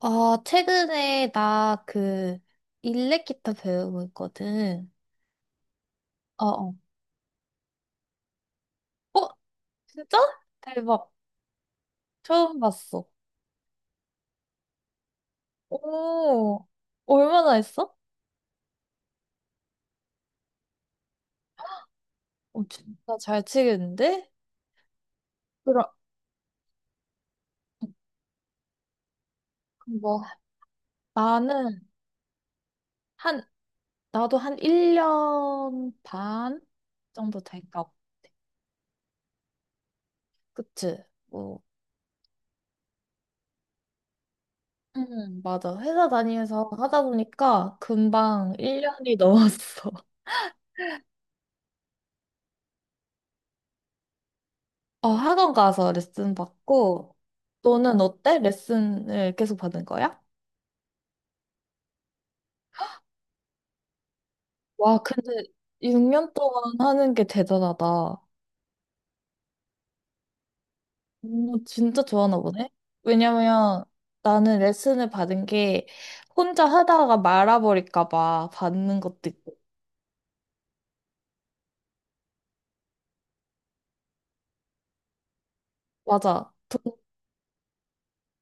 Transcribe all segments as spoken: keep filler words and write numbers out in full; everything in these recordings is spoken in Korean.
아, 최근에 나 그 일렉 기타 배우고 있거든. 어, 어. 어, 진짜? 대박. 처음 봤어. 오, 얼마나 했어? 어, 진짜 잘 치겠는데? 그럼, 뭐, 나는 한, 나도 한 일 년 반 정도 될까? 그치? 뭐, 응 맞아. 회사 다니면서 하다 보니까 금방 일 년이 넘었어. 어, 학원 가서 레슨 받고, 너는 어때? 레슨을 계속 받은 거야? 와, 근데 육 년 동안 하는 게 대단하다. 음, 진짜 좋아하나 보네? 왜냐면 나는 레슨을 받은 게 혼자 하다가 말아버릴까 봐 받는 것도 있고. 맞아. 돈,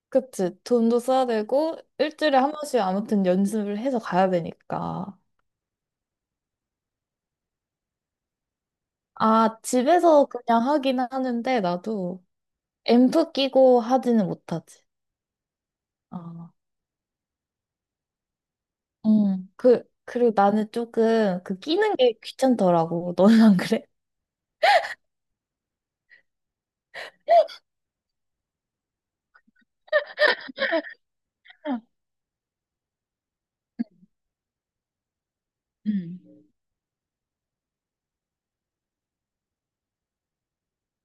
그치. 돈도 써야 되고, 일주일에 한 번씩 아무튼 연습을 해서 가야 되니까. 아, 집에서 그냥 하긴 하는데, 나도 앰프 끼고 하지는 못하지. 아, 응. 그, 그리고 나는 조금 그 끼는 게 귀찮더라고. 너는 안 그래? 응.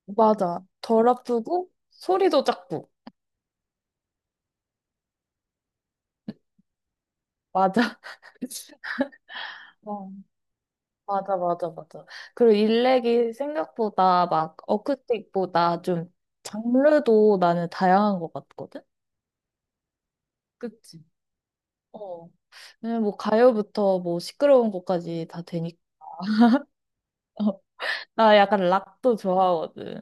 맞아. 덜 아프고 소리도 작고. 맞아. 어. 맞아, 맞아, 맞아. 그리고 일렉이 생각보다 막 어쿠스틱보다 좀 장르도 나는 다양한 것 같거든? 그치. 어. 왜냐면 뭐 가요부터 뭐 시끄러운 것까지 다 되니까. 나 약간 락도 좋아하거든.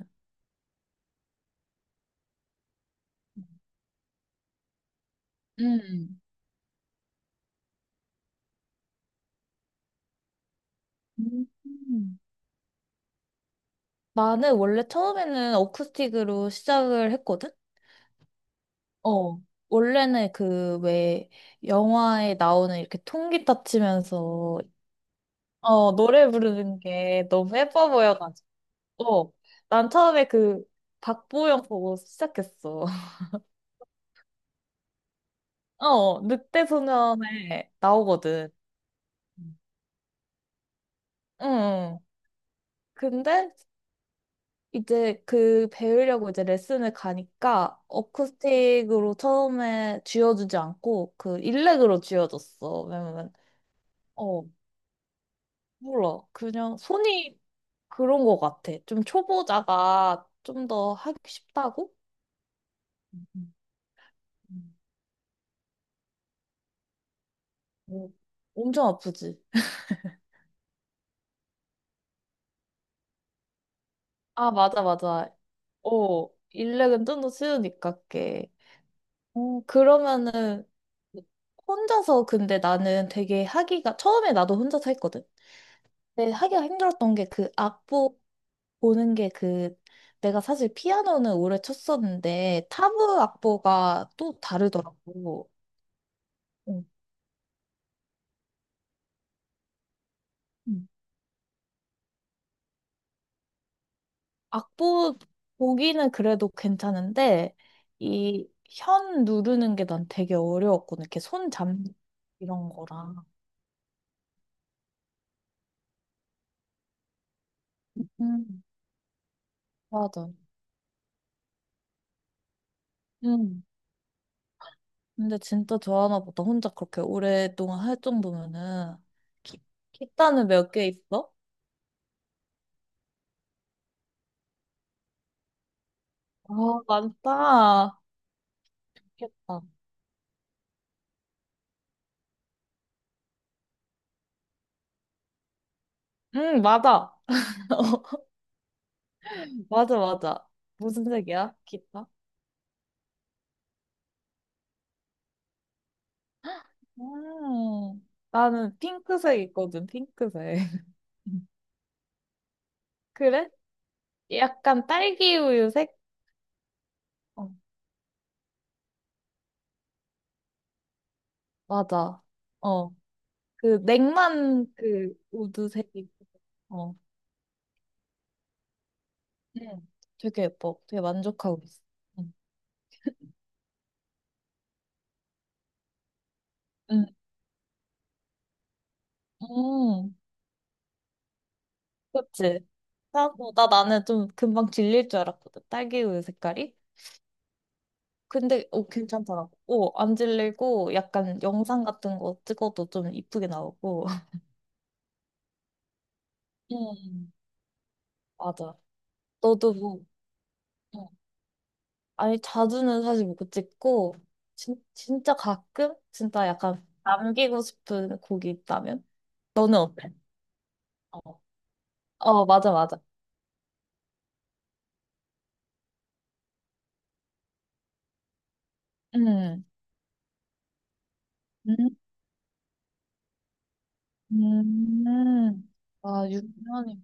음. 음. 나는 원래 처음에는 어쿠스틱으로 시작을 했거든? 어, 원래는 그 왜 영화에 나오는 이렇게 통기타 치면서 어 노래 부르는 게 너무 예뻐 보여가지고 어, 난 처음에 그 박보영 보고 시작했어. 어 늑대소년에 나오거든. 음. 응. 응. 근데 이제 그 배우려고 이제 레슨을 가니까 어쿠스틱으로 처음에 쥐어주지 않고 그 일렉으로 쥐어줬어. 왜냐면 어 몰라 그냥 손이 그런 것 같아. 좀 초보자가 좀 더 하기 쉽다고? 음, 음. 어, 엄청 아프지. 아 맞아 맞아. 어 일렉은 좀 더 쉬우니까 게. 어 그러면은 혼자서 근데 나는 되게 하기가 처음에 나도 혼자서 했거든. 네, 하기가 힘들었던 게 그 악보 보는 게 그 내가 사실 피아노는 오래 쳤었는데 타브 악보가 또 다르더라고. 응. 응. 악보 보기는 그래도 괜찮은데 이 현 누르는 게 난 되게 어려웠거든. 이렇게 손 잡는 이런 거랑. 응 맞아. 응. 근데 진짜 좋아하나 보다. 혼자 그렇게 오랫동안 할 정도면은 기, 기타는 몇 개 있어? 아, 많다. 좋겠다. 응, 맞아. 맞아, 맞아. 무슨 색이야? 기타? 음, 나는 핑크색이거든, 핑크색. 그래? 약간 딸기 우유 색? 어, 맞아. 어, 그 냉만 그 우드색이. 어, 응. 되게 예뻐. 되게 만족하고 있어. 응, 응, 응. 그치? 사고, 나 나는 좀 금방 질릴 줄 알았거든, 딸기 우유 색깔이. 근데 어, 괜찮더라고. 어, 안 질리고 약간 영상 같은 거 찍어도 좀 이쁘게 나오고. 음, 맞아. 너도 뭐, 어, 아니, 자주는 사실 못 찍고, 진, 진짜 가끔? 진짜 약간 남기고 싶은 곡이 있다면? 너는 어때? 어, 어, 맞아, 맞아. 음, 음, 음. 아, 육 년이.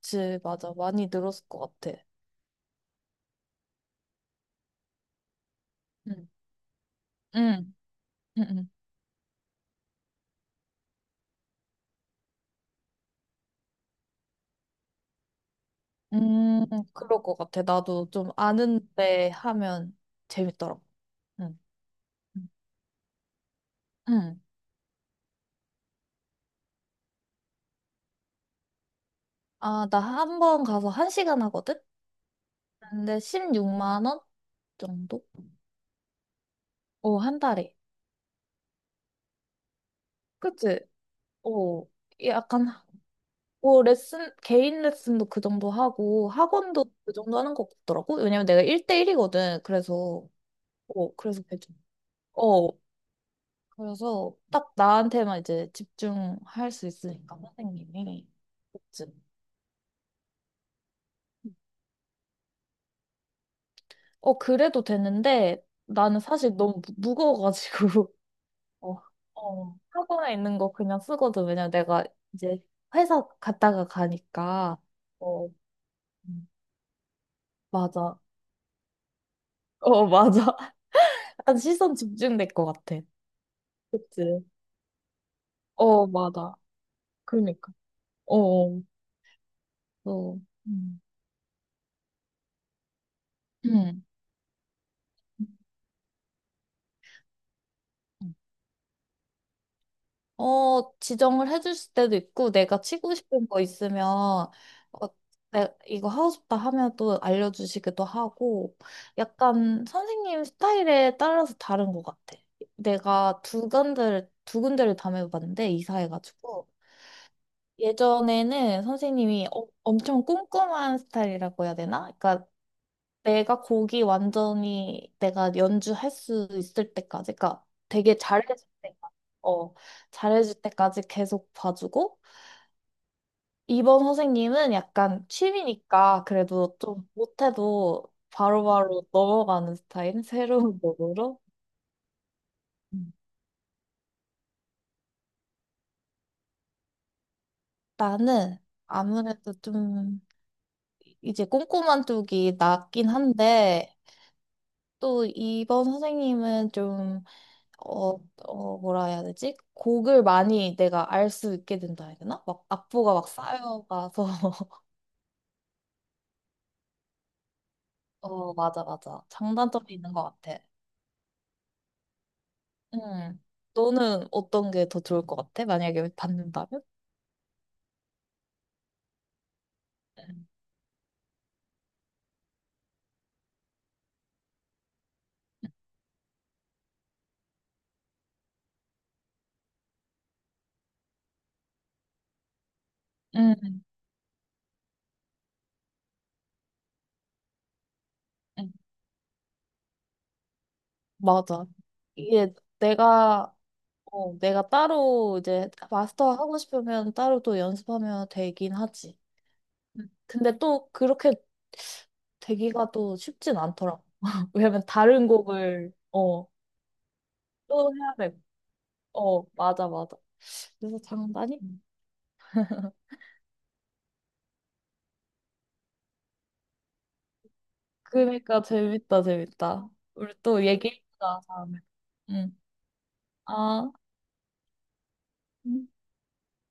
그치, 맞아. 많이 늘었을 것 같아. 응, 응, 응. 응. 음, 그럴 것 같아. 나도 좀 아는데 하면 재밌더라고. 응. 응. 아, 나 한 번 가서 한 시간 하거든? 근데 십육만 원 정도? 오, 한 달에. 그치? 오, 약간, 오, 레슨, 개인 레슨도 그 정도 하고, 학원도 그 정도 하는 것 같더라고. 왜냐면 내가 일 대일이거든. 그래서, 오, 그래서 대충. 어, 그래서 딱 나한테만 이제 집중할 수 있으니까, 선생님이. 그치? 어, 그래도 되는데 나는 사실 너무 무- 무거워가지고 어, 어, 학원에 있는 거 그냥 쓰거든. 왜냐면 내가 이제 회사 갔다가 가니까. 어. 음, 맞아. 어, 맞아. 약간 시선 집중될 것 같아. 그치. 어, 맞아. 그러니까. 어, 어. 어. 음. 음. 어, 지정을 해줄 때도 있고, 내가 치고 싶은 거 있으면, 어, 내, 이거 하고 싶다 하면 또 알려주시기도 하고, 약간 선생님 스타일에 따라서 다른 것 같아. 내가 두 군데를, 두 군데를 다녀봤는데, 이사해가지고. 예전에는 선생님이 어- 엄청 꼼꼼한 스타일이라고 해야 되나? 그러니까 내가 곡이 완전히 내가 연주할 수 있을 때까지, 그러니까 되게 잘해줄 때까지, 어, 잘해줄 때까지 계속 봐주고, 이번 선생님은 약간 취미니까 그래도 좀 못해도 바로바로 넘어가는 스타일? 새로운 곡으로? 음. 나는 아무래도 좀 이제 꼼꼼한 쪽이 낫긴 한데, 또 이번 선생님은 좀, 어, 어, 뭐라 해야 되지? 곡을 많이 내가 알 수 있게 된다 해야 되나? 막 악보가 막 쌓여가서. 어, 맞아, 맞아. 장단점이 있는 것 같아. 응. 너는 어떤 게 더 좋을 것 같아? 만약에 받는다면? 응, 응, 응. 맞아. 이게 내가, 어, 내가 따로 이제 마스터 하고 싶으면 따로 또 연습하면 되긴 하지. 응. 근데 또 그렇게 되기가 또 쉽진 않더라고. 왜냐면 다른 곡을, 어, 또 해야 되고. 어, 맞아, 맞아. 그래서 장단이? 그러니까 재밌다, 재밌다. 우리 또 얘기해보자, 다음에. 응. 아. 음.